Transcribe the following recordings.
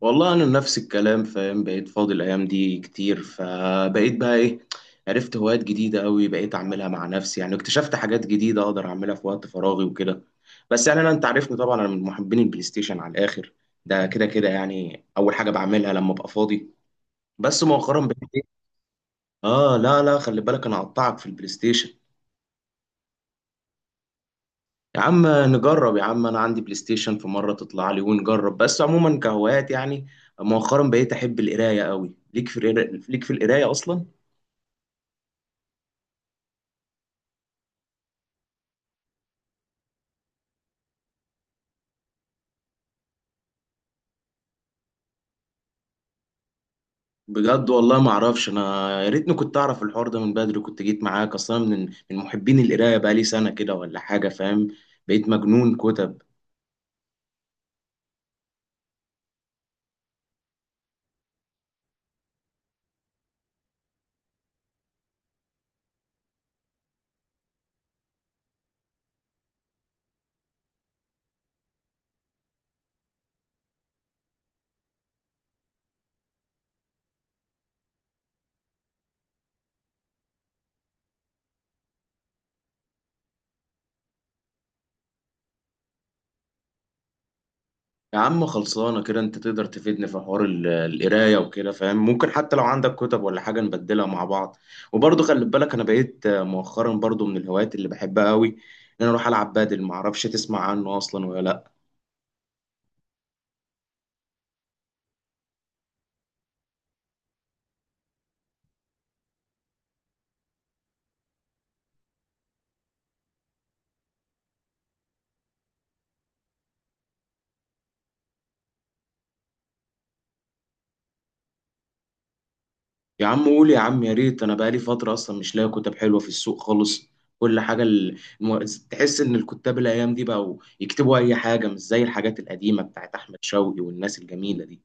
والله انا نفس الكلام، فاهم؟ بقيت فاضي الايام دي كتير، فبقيت بقى ايه، عرفت هوايات جديده قوي بقيت اعملها مع نفسي، يعني اكتشفت حاجات جديده اقدر اعملها في وقت فراغي وكده. بس يعني انا، انت عارفني طبعا، انا من محبين البلاي ستيشن على الاخر. ده كده كده يعني اول حاجه بعملها لما ابقى فاضي. بس مؤخرا بقيت إيه؟ اه لا لا، خلي بالك انا هقطعك في البلاي ستيشن. يا عم نجرب يا عم، انا عندي بلاي ستيشن، في مره تطلع لي ونجرب. بس عموما كهوايات، يعني مؤخرا بقيت احب القرايه قوي. ليك في القرايه اصلا؟ بجد والله ما اعرفش. انا يا ريتني كنت اعرف الحوار ده من بدري، كنت جيت معاك اصلا. من محبين القرايه بقى لي سنه كده ولا حاجه، فاهم؟ بقيت مجنون كتب. يا عم خلصانة كده، انت تقدر تفيدني في حوار القراية وكده، فاهم؟ ممكن حتى لو عندك كتب ولا حاجة نبدلها مع بعض. وبرضه خلي بالك انا بقيت مؤخرا برضه من الهوايات اللي بحبها قوي، ان انا اروح العب بادل، معرفش تسمع عنه اصلا ولا لا. يا عم قول يا عم، يا ريت. انا بقالي فترة اصلا مش لاقي كتب حلوة في السوق خالص. كل حاجة تحس ان الكتاب الايام دي بقوا يكتبوا اي حاجة، مش زي الحاجات القديمة بتاعت احمد شوقي والناس الجميلة دي.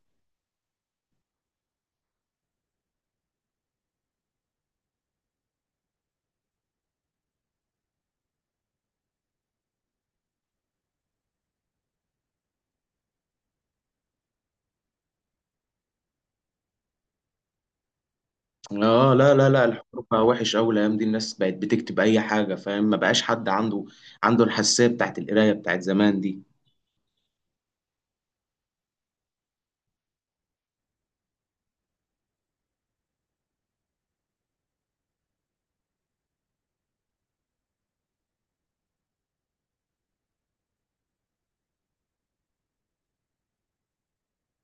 اه لا لا لا، الحوار بقى وحش قوي الايام دي، الناس بقت بتكتب اي حاجه، فاهم؟ ما بقاش حد عنده الحساسيه بتاعت القرايه بتاعت زمان دي.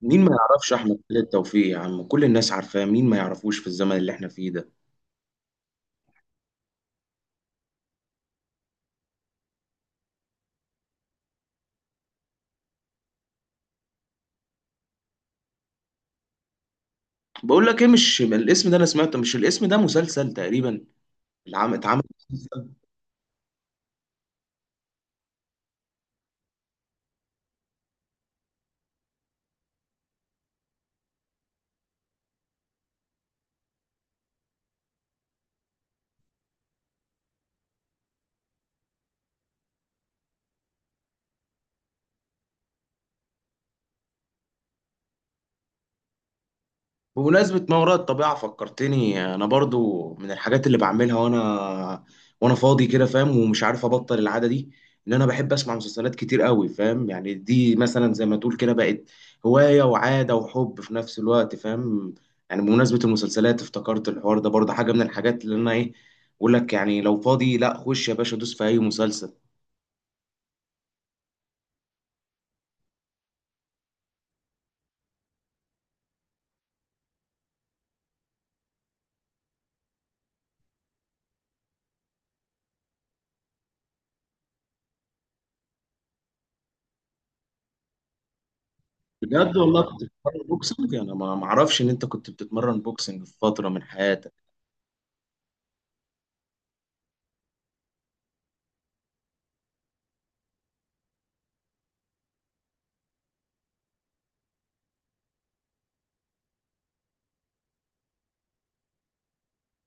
مين ما يعرفش احمد خالد توفيق يا عم؟ كل الناس عارفاه، مين ما يعرفوش في الزمن اللي احنا فيه ده؟ بقول لك ايه، مش الاسم ده انا سمعته؟ مش الاسم ده مسلسل تقريبا العام اتعمل؟ بمناسبة ما وراء الطبيعة، فكرتني. أنا برضو من الحاجات اللي بعملها وأنا فاضي كده، فاهم؟ ومش عارف أبطل العادة دي، إن أنا بحب أسمع مسلسلات كتير قوي، فاهم؟ يعني دي مثلا زي ما تقول كده، بقت هواية وعادة وحب في نفس الوقت، فاهم؟ يعني بمناسبة المسلسلات افتكرت الحوار ده برضه، حاجة من الحاجات اللي أنا إيه. بقول لك يعني لو فاضي، لا خش يا باشا دوس في أي مسلسل. بجد والله كنت بتتمرن بوكسنج؟ أنا ما أعرفش إن أنت كنت بتتمرن بوكسنج في فترة من حياتك.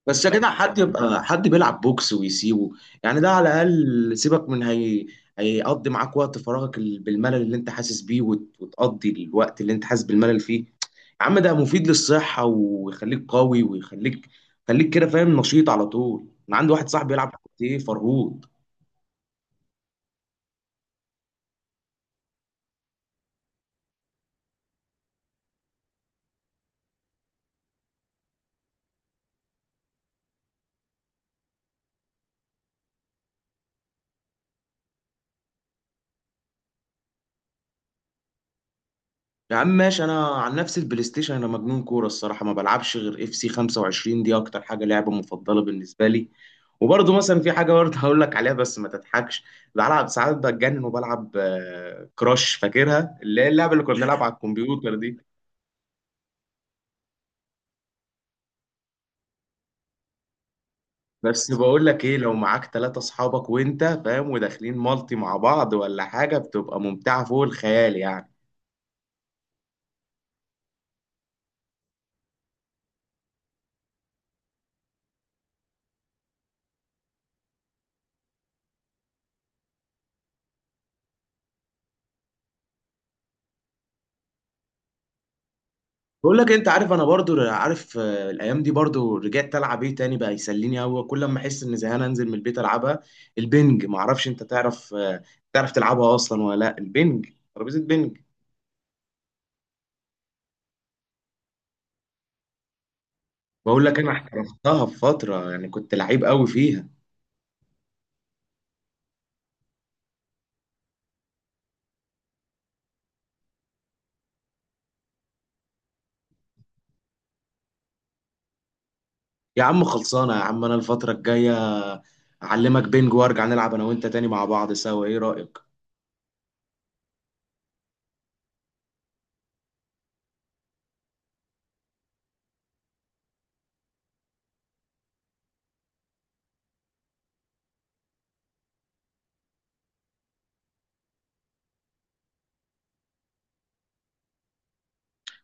بس يا جدع، حد يبقى حد بيلعب بوكس ويسيبه؟ يعني ده على الاقل، سيبك من، هيقضي معاك وقت فراغك بالملل اللي انت حاسس بيه، وتقضي الوقت اللي انت حاسس بالملل فيه. يا عم ده مفيد للصحة، ويخليك قوي، خليك كده فاهم نشيط على طول. انا عندي واحد صاحبي بيلعب كاراتيه فرهود. يا عم ماشي، انا عن نفسي البلاي ستيشن، انا مجنون كورة، الصراحة ما بلعبش غير اف سي 25، دي اكتر حاجة لعبة مفضلة بالنسبة لي. وبرضه مثلا في حاجه برضه هقول لك عليها، بس ما تضحكش. بلعب ساعات بتجنن، وبلعب كراش، فاكرها؟ اللي هي اللعبه اللي كنا بنلعب على الكمبيوتر دي. بس بقول لك ايه، لو معاك ثلاثة اصحابك وانت فاهم، وداخلين مالتي مع بعض ولا حاجه، بتبقى ممتعه فوق الخيال يعني. بقول لك انت عارف، انا برضو عارف، الايام دي برضو رجعت العب ايه تاني بقى يسليني قوي، كل ما احس ان زهقان انزل من البيت العبها. البنج، ما اعرفش انت تعرف، تعرف تلعبها اصلا ولا لا؟ البنج، ترابيزه بنج. بقول لك، انا احترفتها في فتره، يعني كنت لعيب قوي فيها. يا عم خلصانه يا عم، انا الفتره الجايه اعلمك بينج، وارجع نلعب انا وانت تاني مع بعض سوا، ايه رايك؟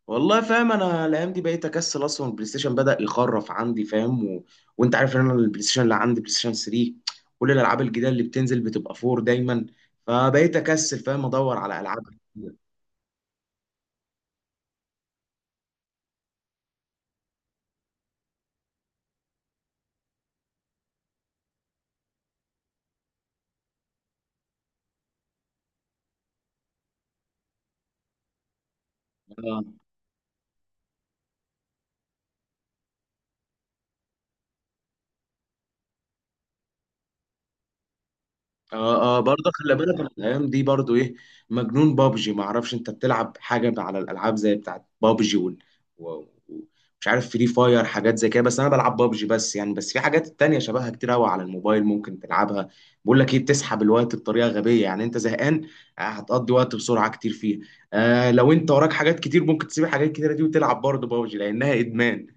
والله فاهم، انا الايام دي بقيت اكسل اصلا، البلاي ستيشن بدا يخرف عندي، فاهم؟ وانت عارف ان انا البلاي ستيشن اللي عندي بلاي ستيشن 3، كل الالعاب الجديده اللي بتنزل بتبقى 4 دايما، فبقيت اكسل فاهم ادور على العاب جديدة. اه اه، برضه خلي بالك أنا الايام دي برضه ايه، مجنون بابجي. ما اعرفش انت بتلعب حاجه على الالعاب زي بتاعت بابجي و... و- مش عارف، فري فاير حاجات زي كده. بس انا بلعب بابجي بس، يعني بس في حاجات تانية شبهها كتير قوي على الموبايل ممكن تلعبها. بقول لك ايه، بتسحب الوقت بطريقه غبيه يعني، انت زهقان هتقضي وقت بسرعه كتير فيها. لو انت وراك حاجات كتير ممكن تسيب الحاجات الكتيره دي وتلعب برضه بابجي، لانها ادمان.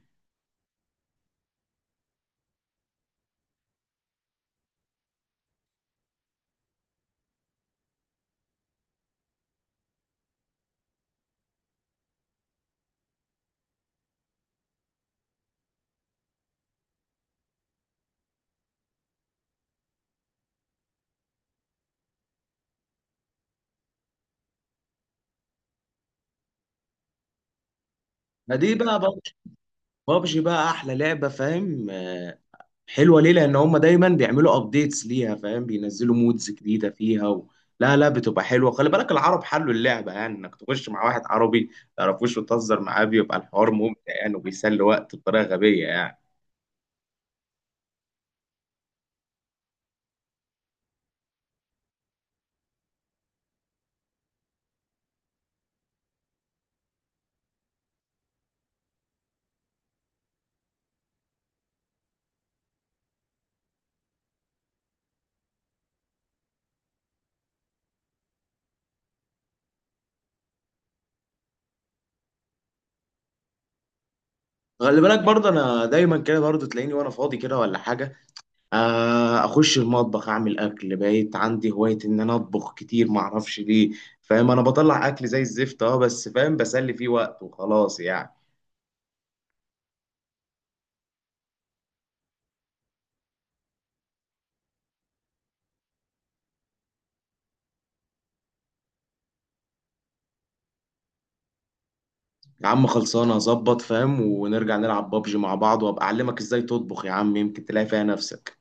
فدي بقى بابجي. بابجي بقى احلى لعبه، فاهم؟ حلوه ليه؟ لان هم دايما بيعملوا ابديتس ليها، فاهم؟ بينزلوا مودز جديده فيها لا لا، بتبقى حلوه. خلي بالك العرب حلوا اللعبه، يعني انك تخش مع واحد عربي ما تعرفوش وتهزر معاه، بيبقى الحوار ممتع يعني، وبيسلي وقت بطريقه غبيه يعني. خلي بالك برضه، انا دايما كده برضه تلاقيني وانا فاضي كده ولا حاجه، اخش المطبخ اعمل اكل، بقيت عندي هوايه ان انا اطبخ كتير، ما اعرفش ليه، فاهم؟ انا بطلع اكل زي الزفت، اه بس فاهم، بسلي فيه وقت وخلاص يعني. يا عم خلصانه، هظبط فاهم، ونرجع نلعب بابجي مع بعض، وابقى اعلمك ازاي تطبخ يا عم، يمكن تلاقي فيها نفسك.